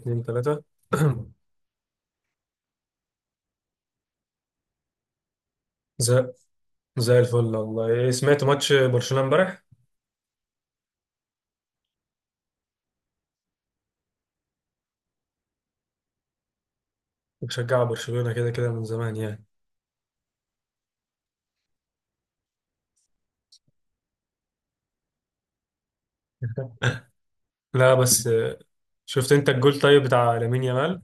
اتنين تلاتة زي زي الفل والله إيه، سمعت ماتش برشلونة امبارح وبشجع برشلونة كده كده من زمان يعني. لا بس آه، شفت انت الجول طيب بتاع لامين يامال؟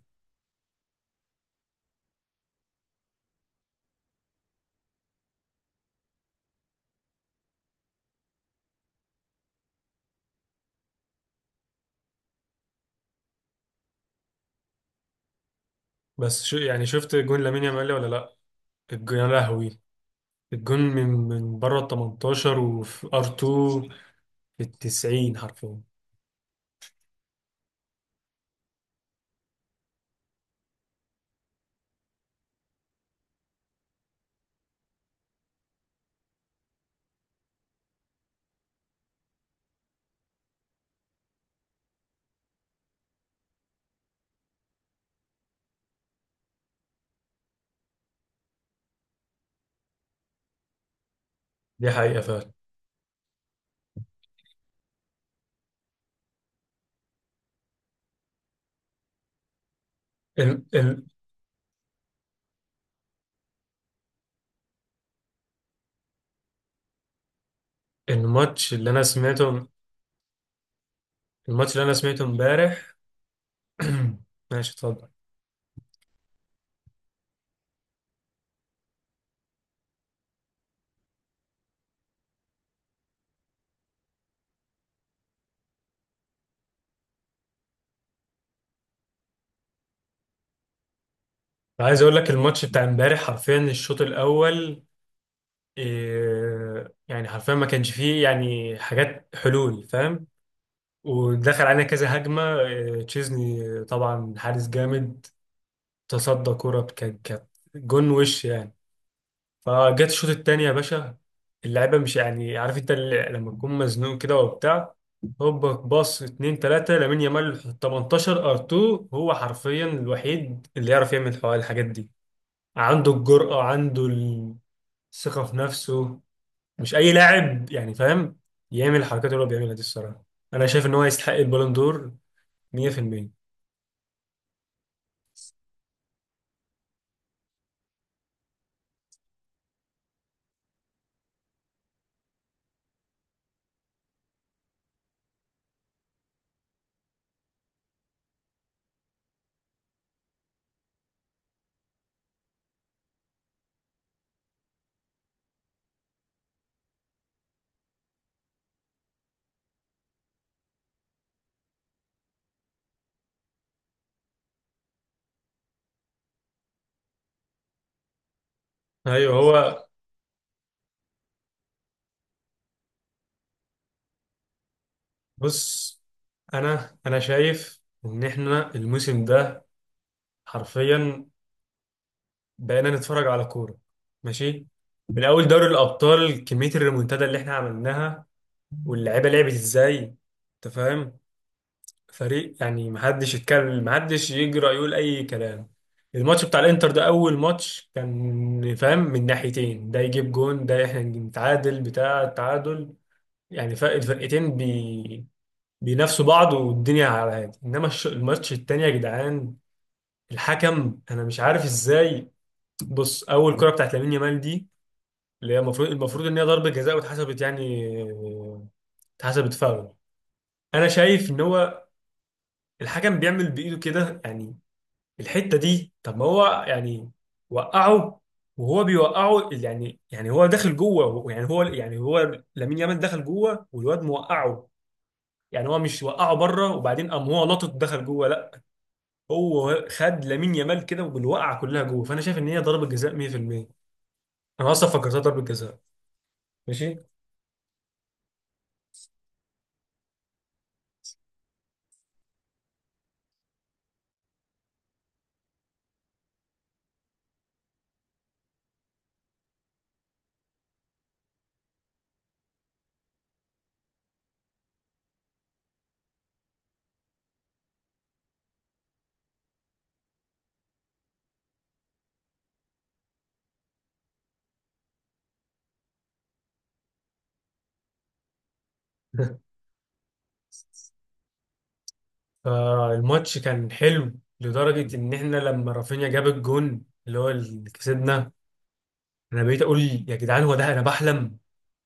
بس شو يعني، شفت جون لامين يامال ولا لا؟ الجون يا لهوي! الجون من بره ال 18 وفي ار 2 في ال 90 حرفيا. دي حقيقة فعلا. ال ال الماتش اللي انا سمعته الماتش اللي انا سمعته امبارح. ماشي اتفضل. عايز اقول لك الماتش بتاع امبارح حرفيا الشوط الاول إيه يعني، حرفيا ما كانش فيه يعني حاجات حلول فاهم. ودخل علينا كذا هجمه، إيه تشيزني طبعا حارس جامد، تصدى كرة كانت جون وش يعني. فجت الشوط التاني يا باشا، اللعيبه مش يعني عارف انت لما تكون مزنوق كده وبتاع، هوبا باص اتنين تلاتة لامين يامال 18 ار 2، هو حرفيا الوحيد اللي يعرف يعمل الحاجات دي. عنده الجرأة، عنده الثقة في نفسه، مش أي لاعب يعني فاهم يعمل الحركات اللي هو بيعملها دي الصراحة. أنا شايف إن هو يستحق البالون دور 100%. أيوه هو، بص. أنا شايف إن إحنا الموسم ده حرفيا بقينا نتفرج على كورة، ماشي. من أول دوري الأبطال كمية الريمونتادا اللي إحنا عملناها واللعيبة لعبت إزاي، أنت فاهم، فريق يعني محدش يتكلم، محدش يجرأ يقول اي كلام. الماتش بتاع الانتر ده اول ماتش كان فاهم من ناحيتين، ده يجيب جون، ده احنا نتعادل بتاع التعادل، يعني فرق الفرقتين بينافسوا بعض والدنيا على هادي. انما الماتش التاني يا جدعان الحكم انا مش عارف ازاي. بص، اول كرة بتاعت لامين يامال دي، اللي هي المفروض ان هي ضربة جزاء واتحسبت يعني آه، اتحسبت فاول. انا شايف ان هو الحكم بيعمل بايده كده يعني الحتة دي. طب ما هو يعني وقعه، وهو بيوقعه اللي يعني هو داخل جوه، يعني هو لامين يامال دخل جوه والواد موقعه، يعني هو مش وقعه بره وبعدين قام هو لطط دخل جوه، لا، هو خد لامين يامال كده بالوقعه كلها جوه. فانا شايف ان هي ضربة جزاء 100%، انا اصلا فكرتها ضربة جزاء، ماشي. فالماتش كان حلو لدرجة إن إحنا لما رافينيا جاب الجون اللي هو اللي كسبنا، أنا بقيت أقول يا جدعان هو ده، أنا بحلم،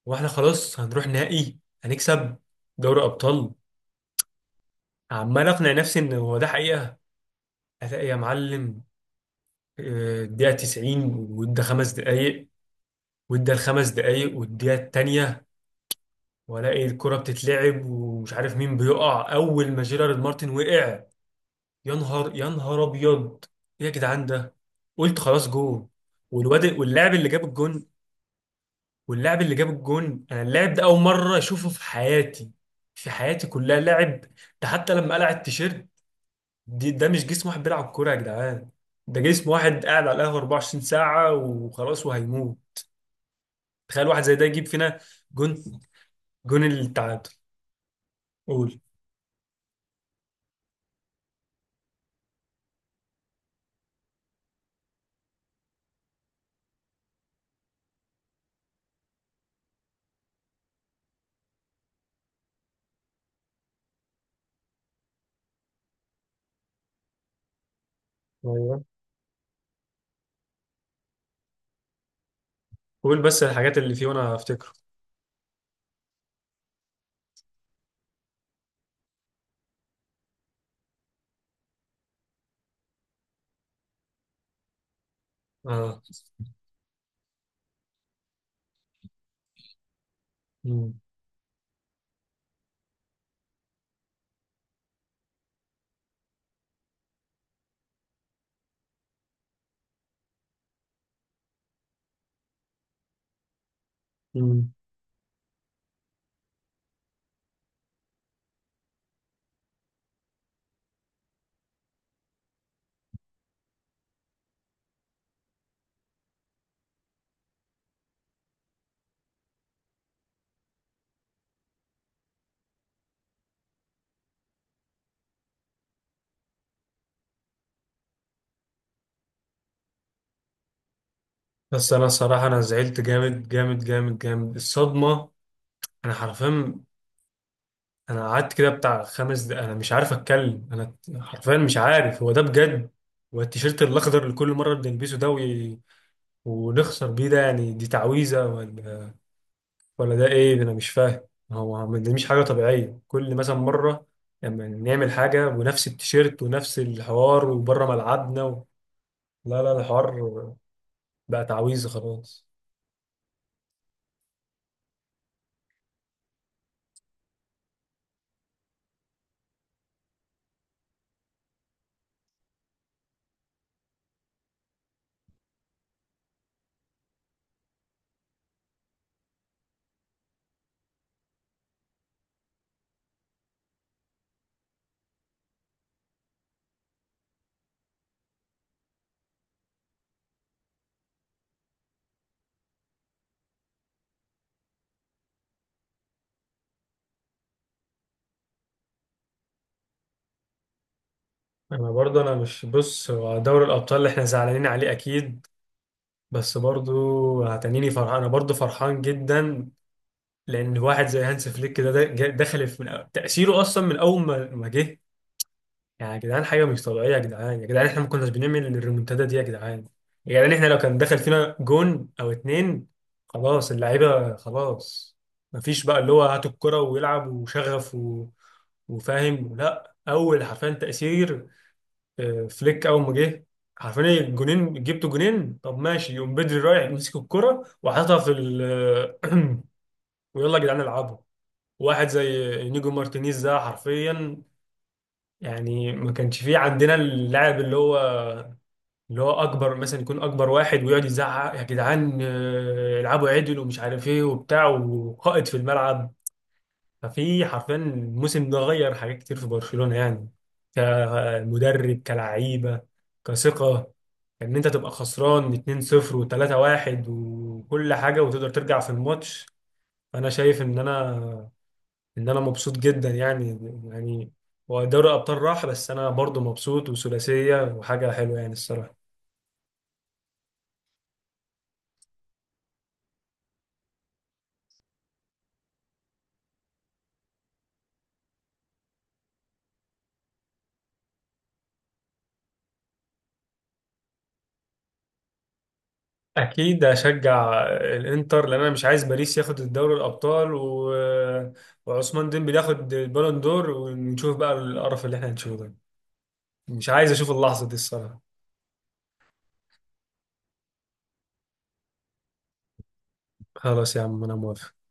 واحنا خلاص هنروح نهائي، هنكسب دوري ابطال. عمال اقنع نفسي ان هو ده حقيقه، الاقي يا معلم آه، الدقيقه 90 وادى خمس دقائق، وادى الخمس دقائق والدقيقه الثانيه، والاقي الكره بتتلعب ومش عارف مين بيقع، اول ما جيرارد مارتن وقع، يا نهار يا نهار ابيض، ايه يا جدعان ده! قلت خلاص جول. والواد، واللاعب اللي جاب الجون، انا اللاعب ده اول مره اشوفه في حياتي، في حياتي كلها لاعب، ده حتى لما قلع التيشيرت دي مش جسم واحد بيلعب كوره يا جدعان، ده جسم واحد قاعد على القهوه 24 ساعه وخلاص وهيموت. تخيل واحد زي ده يجيب فينا جون، جون التعادل. قول. ايوه قول بس الحاجات اللي فيه وانا هفتكره. اه. مم. مم. بس انا الصراحه انا زعلت جامد جامد جامد جامد الصدمه، انا حرفيا، انا قعدت كده بتاع خمس دقايق انا مش عارف اتكلم، انا حرفيا مش عارف هو ده بجد. والتيشيرت الاخضر اللي كل مره بنلبسه ده ونخسر بيه ده، يعني دي تعويذه ولا، ولا ده ايه ده انا مش فاهم. هو دي مش حاجه طبيعيه، كل مثلا مره لما نعمل حاجه ونفس التيشيرت ونفس الحوار وبره ملعبنا. لا لا، الحوار بقى تعويذه خلاص. انا برضه، انا مش، بص، هو دوري الابطال اللي احنا زعلانين عليه اكيد، بس برضو هتنيني فرحان، انا برضو فرحان جدا، لان واحد زي هانس فليك كده دخل في من تاثيره اصلا من اول ما جه. يعني يا جدعان حاجه مش طبيعيه، يا جدعان يا جدعان احنا ما كناش بنعمل الريمونتادا دي. يا جدعان يا جدعان احنا لو كان دخل فينا جون او اتنين خلاص اللعيبه خلاص، ما فيش بقى اللي هو هات الكره ويلعب وشغف. وفاهم، لا، اول حرفيا تاثير آه، فليك اول ما جه حرفيا الجونين جبتوا جونين. طب ماشي، يقوم بدري رايح يمسك الكره وحاططها في ال ويلا يا جدعان العبوا. واحد زي انيجو مارتينيز ده حرفيا، يعني ما كانش فيه عندنا اللاعب اللي هو اكبر، مثلا يكون اكبر واحد ويقعد يزعق يا جدعان آه، العبوا عدل ومش عارف ايه وبتاع، وقائد في الملعب. ففي حرفيا الموسم ده غير حاجات كتير في برشلونة يعني، كمدرب، كلعيبة، كثقة، ان انت تبقى خسران 2-0 و3-1 وكل حاجة وتقدر ترجع في الماتش. انا شايف ان انا مبسوط جدا يعني، يعني ودوري الابطال راح بس انا برضو مبسوط، وثلاثيه وحاجه حلوه يعني الصراحه. اكيد اشجع الانتر لان انا مش عايز باريس ياخد الدوري الابطال وعثمان ديمبلي ياخد البالون دور ونشوف بقى القرف اللي احنا هنشوفه ده. مش عايز اشوف اللحظه دي الصراحه. خلاص يا عم انا موافق.